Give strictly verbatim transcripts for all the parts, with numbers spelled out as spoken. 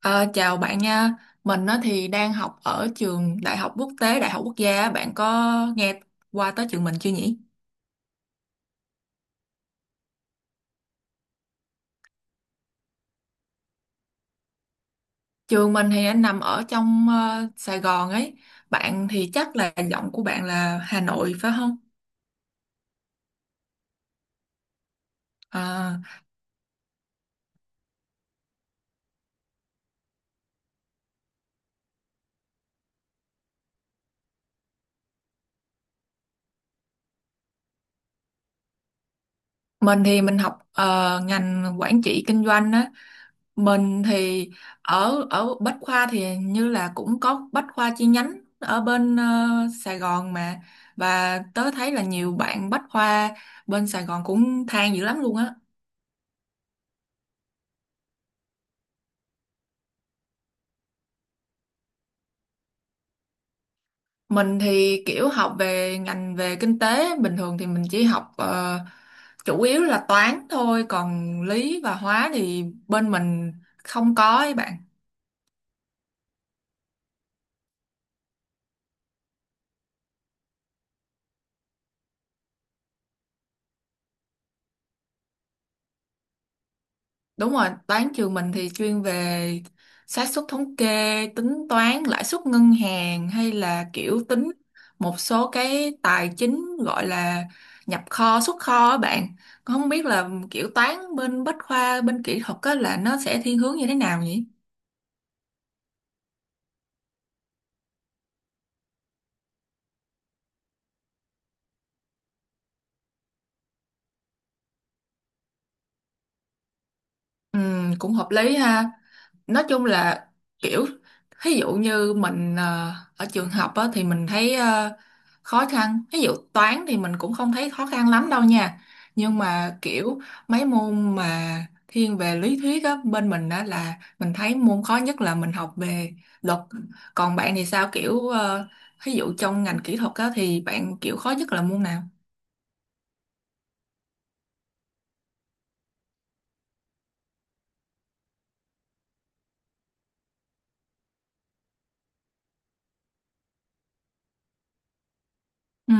Ờ, Chào bạn nha, mình á thì đang học ở trường Đại học Quốc tế, Đại học Quốc gia á. Bạn có nghe qua tới trường mình chưa nhỉ? Trường mình thì anh nằm ở trong ờ, Sài Gòn ấy, bạn thì chắc là giọng của bạn là Hà Nội phải không? Ờ, mình thì mình học ờ, ngành quản trị kinh doanh á. Mình thì ở ở Bách Khoa thì hình như là cũng có Bách Khoa chi nhánh ở bên ờ, Sài Gòn mà, và tớ thấy là nhiều bạn Bách Khoa bên Sài Gòn cũng than dữ lắm luôn á. Mình thì kiểu học về ngành về kinh tế, bình thường thì mình chỉ học ờ, chủ yếu là toán thôi, còn lý và hóa thì bên mình không có ấy bạn. Đúng rồi, toán trường mình thì chuyên về xác suất thống kê, tính toán lãi suất ngân hàng hay là kiểu tính một số cái tài chính gọi là nhập kho, xuất kho á bạn. Con không biết là kiểu toán bên Bách khoa, bên kỹ thuật á là nó sẽ thiên hướng như thế nào nhỉ? Ừ, cũng hợp lý ha. Nói chung là kiểu ví dụ như mình ờ, ở trường học á, thì mình thấy ờ, khó khăn, ví dụ toán thì mình cũng không thấy khó khăn lắm đâu nha, nhưng mà kiểu mấy môn mà thiên về lý thuyết á, bên mình á là mình thấy môn khó nhất là mình học về luật. Còn bạn thì sao, kiểu ờ, ví dụ trong ngành kỹ thuật á, thì bạn kiểu khó nhất là môn nào? Ừ,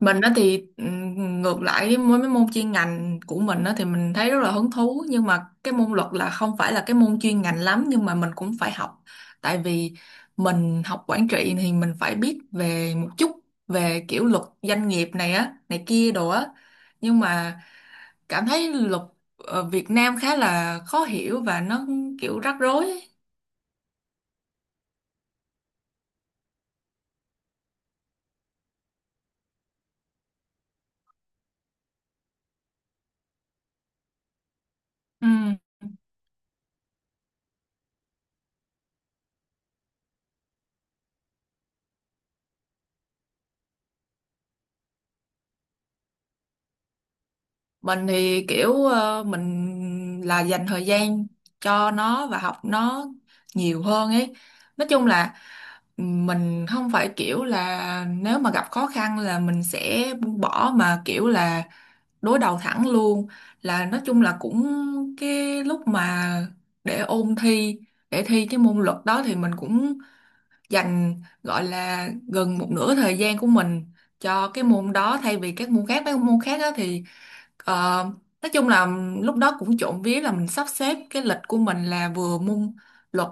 mình đó thì ừm, ngược lại với mấy mấy môn chuyên ngành của mình đó thì mình thấy rất là hứng thú, nhưng mà cái môn luật là không phải là cái môn chuyên ngành lắm nhưng mà mình cũng phải học, tại vì mình học quản trị thì mình phải biết về một chút về kiểu luật doanh nghiệp này á này kia đồ á, nhưng mà cảm thấy luật ở Việt Nam khá là khó hiểu và nó kiểu rắc rối ấy. Ừ. Mình thì kiểu ờ, mình là dành thời gian cho nó và học nó nhiều hơn ấy. Nói chung là mình không phải kiểu là nếu mà gặp khó khăn là mình sẽ buông bỏ mà kiểu là đối đầu thẳng luôn. Là nói chung là cũng cái lúc mà để ôn thi, để thi cái môn luật đó thì mình cũng dành gọi là gần một nửa thời gian của mình cho cái môn đó thay vì các môn khác, mấy môn khác á thì Ờ, nói chung là lúc đó cũng trộm vía là mình sắp xếp cái lịch của mình là vừa môn luật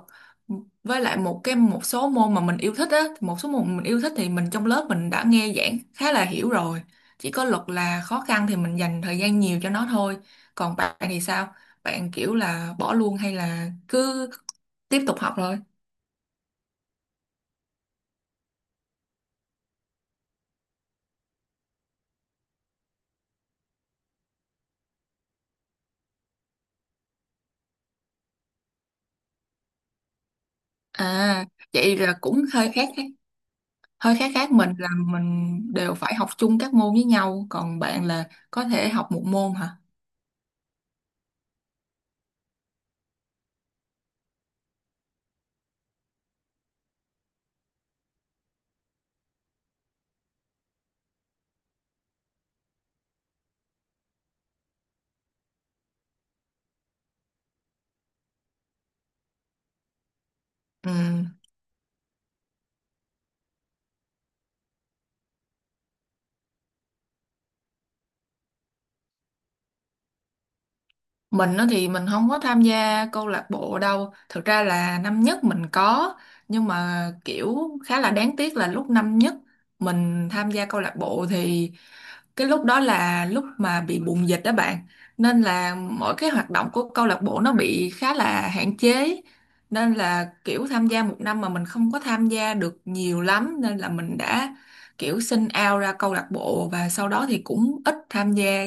với lại một cái một số môn mà mình yêu thích á, một số môn mình yêu thích thì mình trong lớp mình đã nghe giảng khá là hiểu rồi, chỉ có luật là khó khăn thì mình dành thời gian nhiều cho nó thôi. Còn bạn thì sao, bạn kiểu là bỏ luôn hay là cứ tiếp tục học thôi? À, vậy là cũng hơi khác khác, hơi khác khác, mình là mình đều phải học chung các môn với nhau, còn bạn là có thể học một môn hả? Ừ. Mình á thì mình không có tham gia câu lạc bộ đâu. Thực ra là năm nhất mình có, nhưng mà kiểu khá là đáng tiếc là lúc năm nhất mình tham gia câu lạc bộ thì cái lúc đó là lúc mà bị bùng dịch đó bạn. Nên là mỗi cái hoạt động của câu lạc bộ nó bị khá là hạn chế. Nên là kiểu tham gia một năm mà mình không có tham gia được nhiều lắm nên là mình đã kiểu xin out ra câu lạc bộ và sau đó thì cũng ít tham gia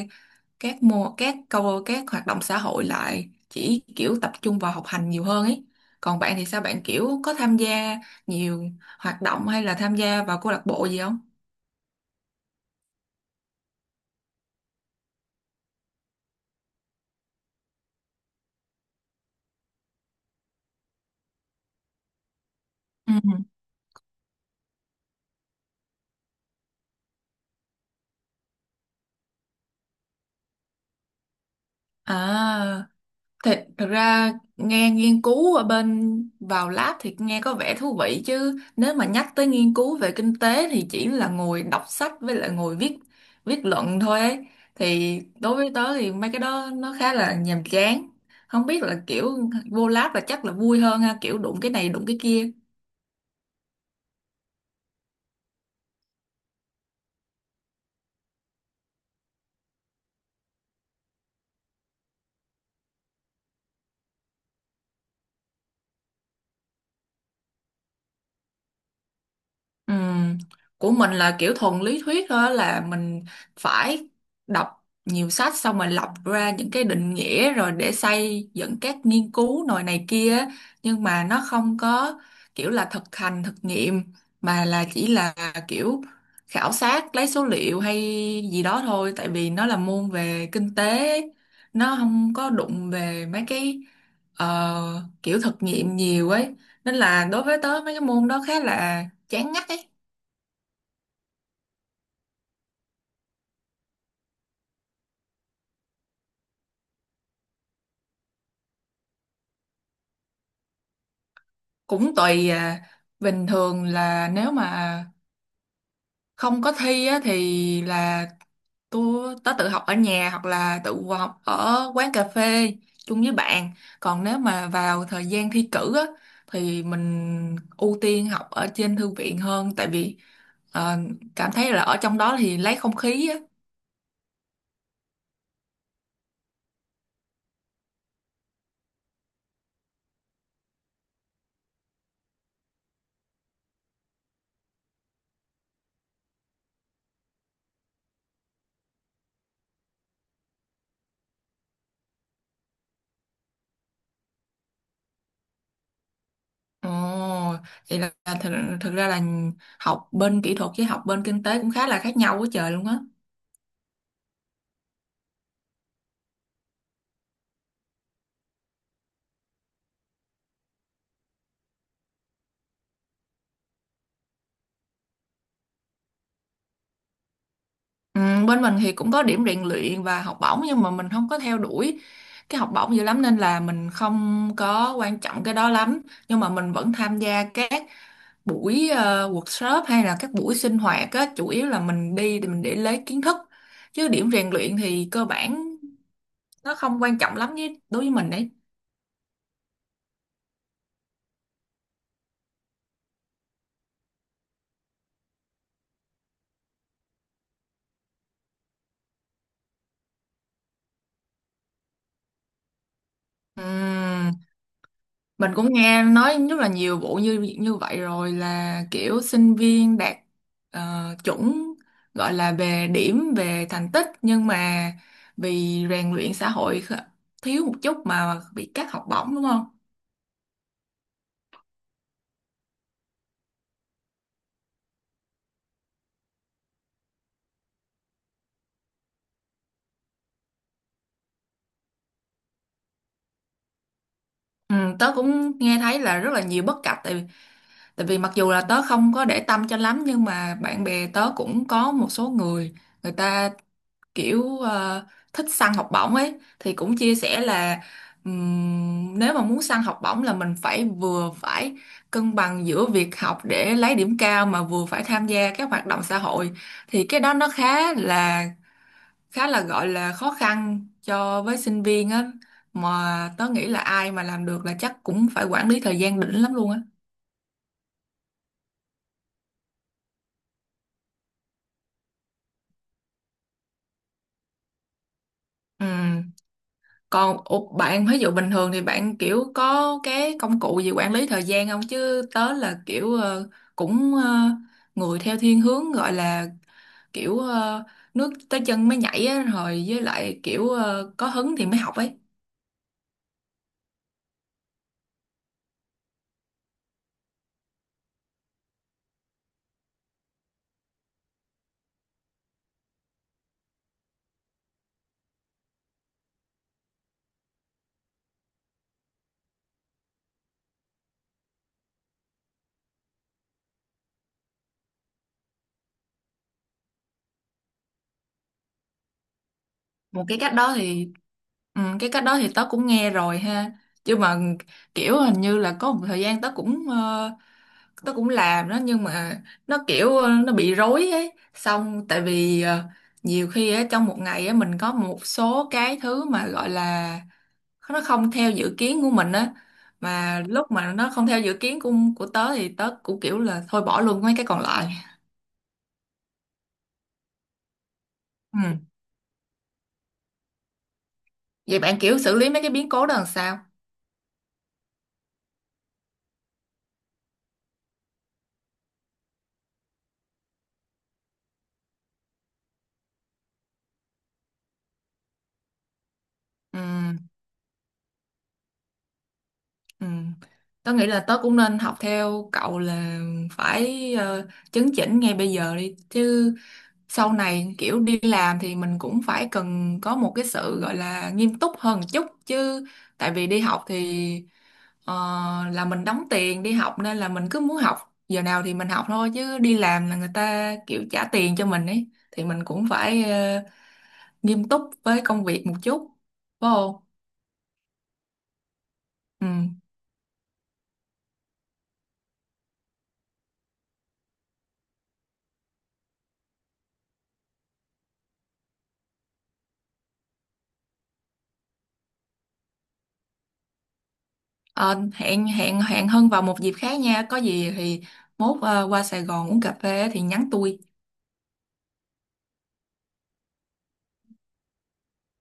các mô các câu các hoạt động xã hội lại, chỉ kiểu tập trung vào học hành nhiều hơn ấy. Còn bạn thì sao, bạn kiểu có tham gia nhiều hoạt động hay là tham gia vào câu lạc bộ gì không? Ừ. À, thật, thật ra nghe nghiên cứu ở bên vào lab thì nghe có vẻ thú vị, chứ nếu mà nhắc tới nghiên cứu về kinh tế thì chỉ là ngồi đọc sách với lại ngồi viết, viết luận thôi ấy. Thì đối với tớ thì mấy cái đó nó khá là nhàm chán. Không biết là kiểu vô lab là chắc là vui hơn ha, kiểu đụng cái này đụng cái kia. Ừm, Của mình là kiểu thuần lý thuyết thôi, là mình phải đọc nhiều sách xong rồi lọc ra những cái định nghĩa rồi để xây dựng các nghiên cứu nồi này kia á. Nhưng mà nó không có kiểu là thực hành thực nghiệm mà là chỉ là kiểu khảo sát lấy số liệu hay gì đó thôi, tại vì nó là môn về kinh tế ấy. Nó không có đụng về mấy cái ờ, kiểu thực nghiệm nhiều ấy, nên là đối với tớ mấy cái môn đó khá là chán ngắt ấy. Cũng tùy à, bình thường là nếu mà không có thi á, thì là tôi tớ tự học ở nhà hoặc là tự học ở quán cà phê chung với bạn. Còn nếu mà vào thời gian thi cử á, thì mình ưu tiên học ở trên thư viện hơn, tại vì ờ, cảm thấy là ở trong đó thì lấy không khí á. Ồ, vậy là thực, thực ra là học bên kỹ thuật với học bên kinh tế cũng khá là khác nhau quá trời luôn á. Ừ, bên mình thì cũng có điểm rèn luyện và học bổng nhưng mà mình không có theo đuổi cái học bổng dữ lắm nên là mình không có quan trọng cái đó lắm, nhưng mà mình vẫn tham gia các buổi ờ, workshop hay là các buổi sinh hoạt á, chủ yếu là mình đi thì mình để lấy kiến thức, chứ điểm rèn luyện thì cơ bản nó không quan trọng lắm với đối với mình. Đấy, mình cũng nghe nói rất là nhiều vụ như như vậy rồi, là kiểu sinh viên đạt ờ, chuẩn gọi là về điểm về thành tích nhưng mà vì rèn luyện xã hội kh- thiếu một chút mà bị cắt học bổng đúng không? Ừ, tớ cũng nghe thấy là rất là nhiều bất cập, tại vì tại vì mặc dù là tớ không có để tâm cho lắm nhưng mà bạn bè tớ cũng có một số người, người ta kiểu ờ, thích săn học bổng ấy thì cũng chia sẻ là ừm, nếu mà muốn săn học bổng là mình phải vừa phải cân bằng giữa việc học để lấy điểm cao mà vừa phải tham gia các hoạt động xã hội, thì cái đó nó khá là khá là gọi là khó khăn cho với sinh viên á, mà tớ nghĩ là ai mà làm được là chắc cũng phải quản lý thời gian đỉnh lắm luôn á. Ừ, còn ủa, bạn ví dụ bình thường thì bạn kiểu có cái công cụ gì quản lý thời gian không? Chứ tớ là kiểu ờ, cũng ờ, người theo thiên hướng gọi là kiểu ờ, nước tới chân mới nhảy á, rồi với lại kiểu ờ, có hứng thì mới học ấy. Một cái cách đó thì ừ, cái cách đó thì tớ cũng nghe rồi ha. Chứ mà kiểu hình như là có một thời gian tớ cũng ờ, tớ cũng làm đó nhưng mà nó kiểu ờ, nó bị rối ấy, xong tại vì ờ, nhiều khi á trong một ngày á mình có một số cái thứ mà gọi là nó không theo dự kiến của mình á, mà lúc mà nó không theo dự kiến của của tớ thì tớ cũng kiểu là thôi bỏ luôn mấy cái còn lại. Ừ. Vậy bạn kiểu xử lý mấy cái biến cố đó làm sao? Ừ. Ừ. Tớ nghĩ là tớ cũng nên học theo cậu là phải ờ, chấn chỉnh ngay bây giờ đi chứ sau này kiểu đi làm thì mình cũng phải cần có một cái sự gọi là nghiêm túc hơn một chút chứ, tại vì đi học thì ờ, là mình đóng tiền đi học nên là mình cứ muốn học giờ nào thì mình học thôi, chứ đi làm là người ta kiểu trả tiền cho mình ấy thì mình cũng phải ờ, nghiêm túc với công việc một chút, phải không? Ừ. Ờ, hẹn hẹn hẹn Hân vào một dịp khác nha, có gì thì mốt ờ, qua Sài Gòn uống cà phê thì nhắn tôi.